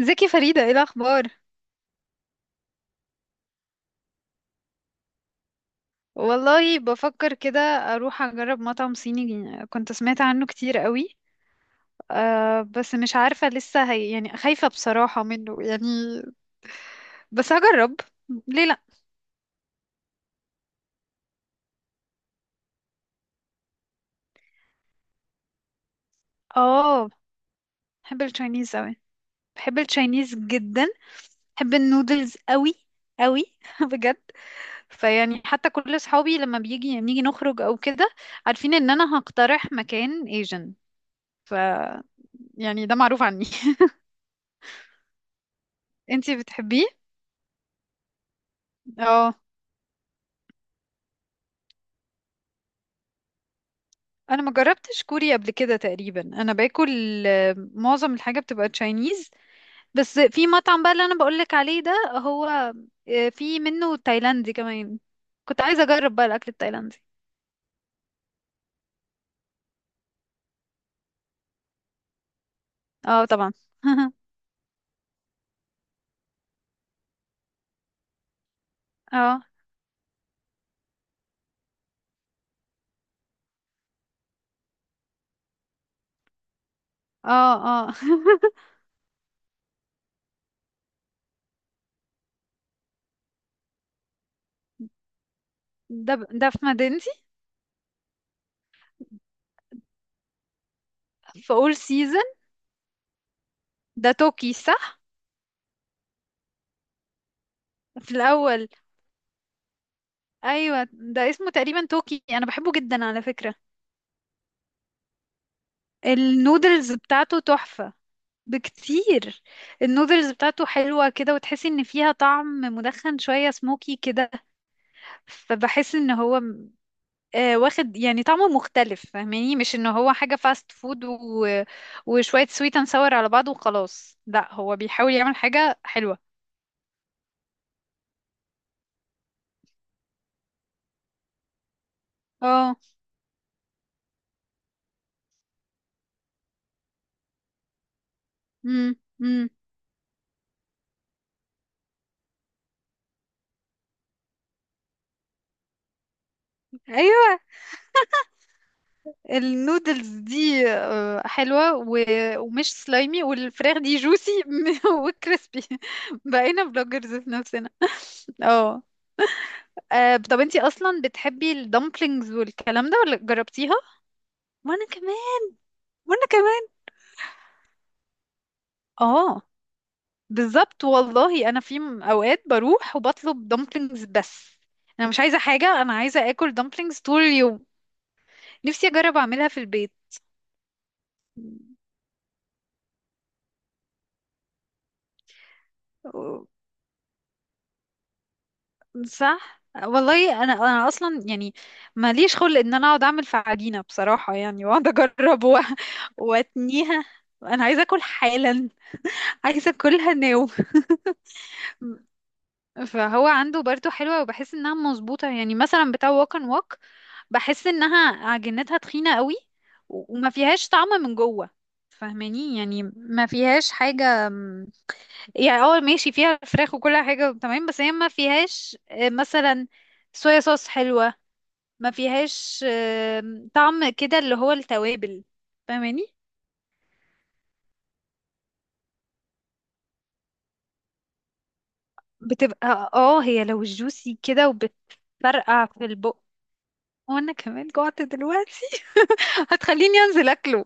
ازيك يا فريدة، ايه الأخبار؟ والله بفكر كده أروح أجرب مطعم صيني كنت سمعت عنه كتير قوي. بس مش عارفة لسه، هي يعني خايفة بصراحة منه يعني. بس هجرب. ليه لأ؟ اه، بحب التشاينيز قوي. بحب التشاينيز جدا. بحب النودلز قوي قوي بجد. فيعني حتى كل صحابي لما بيجي يعني نيجي نخرج أو كده، عارفين إن أنا هقترح مكان ايجن. ف يعني ده معروف عني. انتي بتحبيه؟ اه. انا ما جربتش كوري قبل كده، تقريبا انا باكل معظم الحاجه بتبقى تشاينيز. بس في مطعم بقى اللي انا بقولك عليه ده هو، في منه تايلاندي كمان. كنت عايزه اجرب بقى الاكل التايلاندي. اه طبعا. اه، اه، اه ده في مدينتي. في اول سيزون. ده توكي صح؟ في الاول. ايوه ده اسمه تقريبا توكي، انا بحبه جدا على فكره. النودلز بتاعته تحفه. بكتير. النودلز بتاعته حلوة كده، وتحسي ان فيها طعم مدخن شوية، سموكي كده. فبحس ان هو واخد يعني طعمه مختلف، فاهماني؟ مش ان هو حاجة فاست فود وشوية سويت اند ساور على بعض وخلاص، لا هو بيحاول يعمل حاجة حلوة. اه. امم. امم. ايوه. النودلز دي حلوة ومش سلايمي، والفراخ دي جوسي وكريسبي. بقينا بلوجرز في نفسنا. اه. آه، طب انتي اصلا بتحبي الدمبلينجز والكلام ده، ولا جربتيها؟ وانا كمان. وانا كمان. اه. بالظبط والله، انا في اوقات بروح وبطلب دمبلينجز بس. انا مش عايزه حاجه، انا عايزه اكل دمبلينجز طول اليوم. نفسي اجرب اعملها في البيت. و- صح والله، انا اصلا يعني ماليش خلق ان انا اقعد اعمل في عجينه بصراحه يعني، واقعد اجرب واتنيها. انا عايزه اكل حالا. عايزه اكلها ناو فهو عنده برضو حلوة، وبحس انها مظبوطة، يعني مثلا بتاع ووك اند ووك بحس انها عجينتها تخينة قوي. وما فيهاش طعم من جوه. فاهماني؟ يعني ما فيهاش حاجة يعني اه ماشي فيها فراخ وكل حاجة تمام، بس هي ما فيهاش مثلا صويا صوص حلوة. ما فيهاش طعم كده اللي هو التوابل. فاهماني؟ بتبقى هي لو جوسي كده، وبتفرقع في البق. وانا كمان جوعت دلوقتي. هتخليني انزل اكله.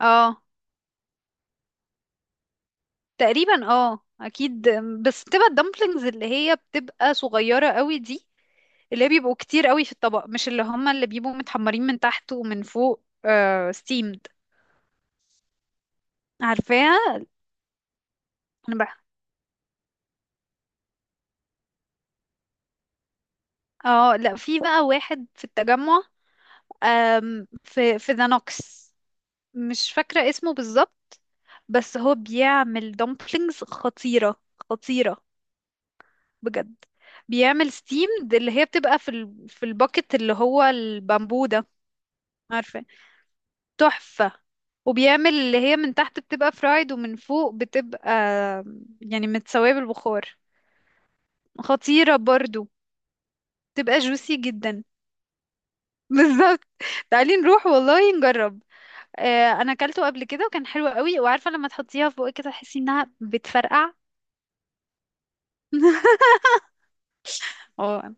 اه تقريبا، اه اكيد. بس بتبقى الدمبلينجز اللي هي بتبقى صغيرة قوي دي، اللي هي بيبقوا كتير قوي في الطبق، مش اللي هما اللي بيبقوا متحمرين من تحت ومن فوق، آه ستيمد. عارفاها. انا بقى، اه لا في بقى واحد في التجمع، في ذا نوكس. مش فاكرة اسمه بالظبط، بس هو بيعمل دمبلينجز خطيرة. خطيرة بجد. بيعمل ستيمد اللي هي بتبقى في في الباكت اللي هو البامبو ده، عارفة؟ تحفة. وبيعمل اللي هي من تحت بتبقى فرايد ومن فوق بتبقى يعني متسوية بالبخار. خطيرة برضو. بتبقى جوسي جدا بالظبط. تعالي نروح والله نجرب. انا اكلته قبل كده وكان حلو قوي، وعارفة لما تحطيها في بقك كده تحسي انها بتفرقع. اه.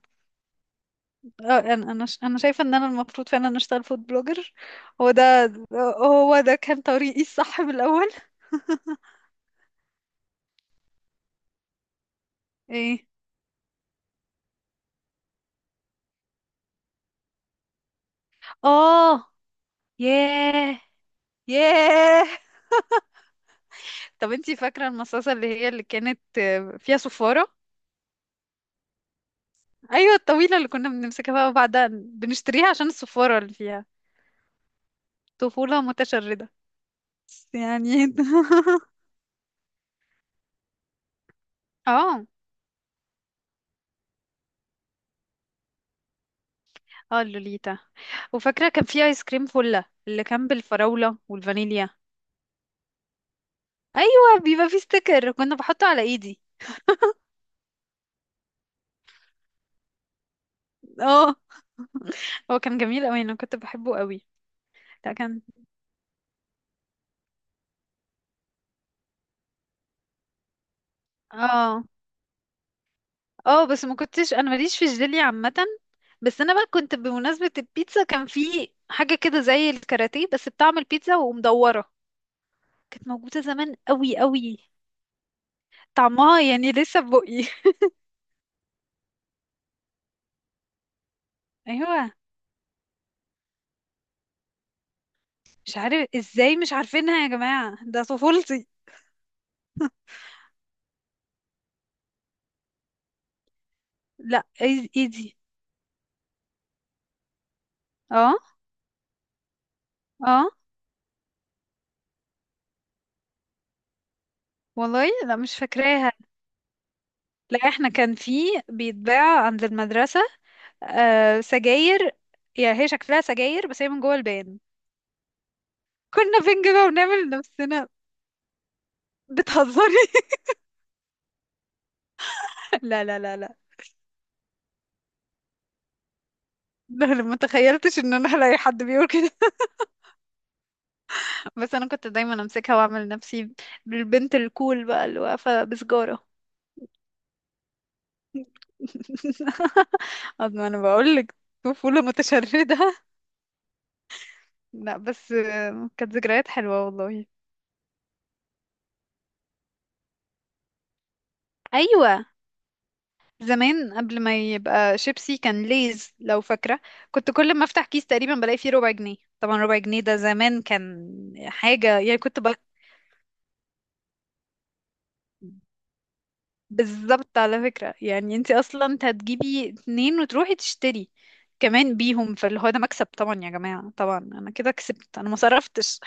اه، انا شايفه ان انا المفروض فعلا اشتغل فود بلوجر. هو ده. هو ده كان طريقي الصح من الاول. ايه، اه. ياه. ياه. طب انتي فاكره المصاصه اللي هي اللي كانت فيها صفاره؟ ايوه الطويله اللي كنا بنمسكها بقى وبعدها بنشتريها عشان الصفاره اللي فيها. طفوله متشرده بس يعني اه، اه، اللوليتا. وفاكره كان في ايس كريم فله اللي كان بالفراوله والفانيليا. ايوه بيبقى فيه ستيكر، كنا بحطه على ايدي. اه هو كان جميل قوي، انا كنت بحبه قوي. لا كان. اه، اه، بس ما كنتش، انا ماليش في الجيلي عامه. بس انا بقى كنت بمناسبه البيتزا، كان في حاجه كده زي الكاراتيه بس بطعم البيتزا ومدوره. كانت موجوده زمان قوي قوي. طعمها يعني لسه في بقي. ايوه. مش عارف ازاي مش عارفينها يا جماعه، ده طفولتي. لا ايدي ايدي. اه، اه، والله لا مش فاكراها. لا احنا كان في، بيتباع عند المدرسة، آه سجاير. يعني هي شكلها سجاير بس هي من جوه البان. كنا بنجيبها ونعمل نفسنا. بتهزري؟ لا، لا، لا، لا لا، لا، ما تخيلتش ان انا هلاقي حد بيقول كده. بس انا كنت دايما امسكها واعمل نفسي بالبنت الكول بقى اللي واقفة بسجارة. أما انا بقول لك، طفولة متشردة لا بس كانت ذكريات حلوة والله. ايوه زمان قبل ما يبقى شيبسي كان ليز، لو فاكرة. كنت كل ما افتح كيس تقريبا بلاقي فيه ربع جنيه، طبعا ربع جنيه ده زمان كان حاجة يعني، كنت بالظبط على فكرة، يعني انت اصلا انت هتجيبي اتنين وتروحي تشتري كمان بيهم، فاللي هو ده مكسب طبعا يا جماعة، طبعا انا كده كسبت، انا ما صرفتش.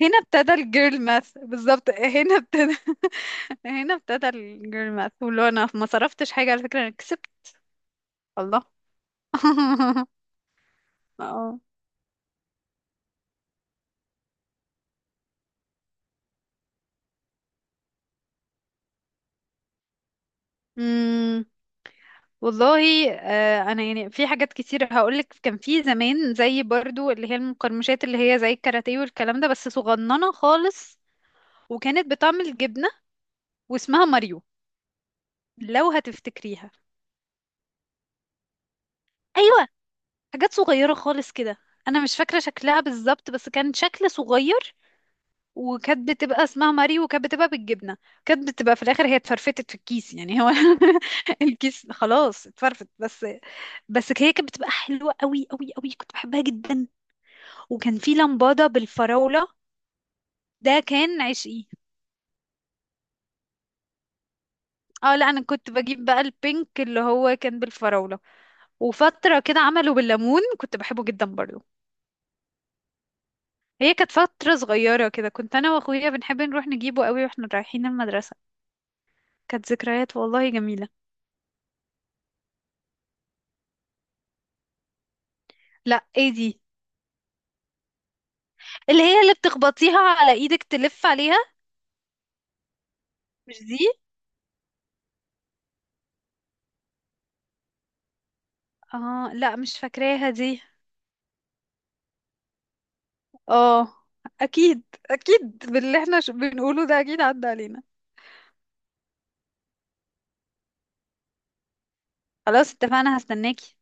هنا ابتدى الجيرل ماث، بالظبط هنا ابتدى. هنا ابتدى الجيرل ماث، واللي هو انا ما صرفتش حاجة على فكرة، انا كسبت. الله. اه والله، انا يعني في حاجات كتير هقولك. كان في زمان زي برضو اللي هي المقرمشات اللي هي زي الكاراتيه والكلام ده بس صغننه خالص، وكانت بتعمل جبنه واسمها ماريو، لو هتفتكريها. ايوه حاجات صغيره خالص كده. انا مش فاكره شكلها بالظبط بس كان شكل صغير، وكانت بتبقى اسمها ماريو وكانت بتبقى بالجبنه. كانت بتبقى في الاخر هي اتفرفتت في الكيس، يعني هو الكيس خلاص اتفرفت بس. بس هي كانت بتبقى حلوه قوي قوي قوي، كنت بحبها جدا. وكان في لمبادة بالفراولة، ده كان عشقي. اه لا انا كنت بجيب بقى البينك اللي هو كان بالفراولة. وفترة كده عملوا بالليمون، كنت بحبه جدا برضو. هي كانت فترة صغيرة كده، كنت انا واخويا بنحب نروح نجيبه قوي واحنا رايحين المدرسة. كانت ذكريات والله جميلة. لا ايه دي؟ اللي هي اللي بتخبطيها على ايدك تلف عليها؟ مش دي، اه لا مش فاكراها دي. اه اكيد. اكيد باللي احنا بنقوله ده اكيد عدى علينا. خلاص اتفقنا هستناكي.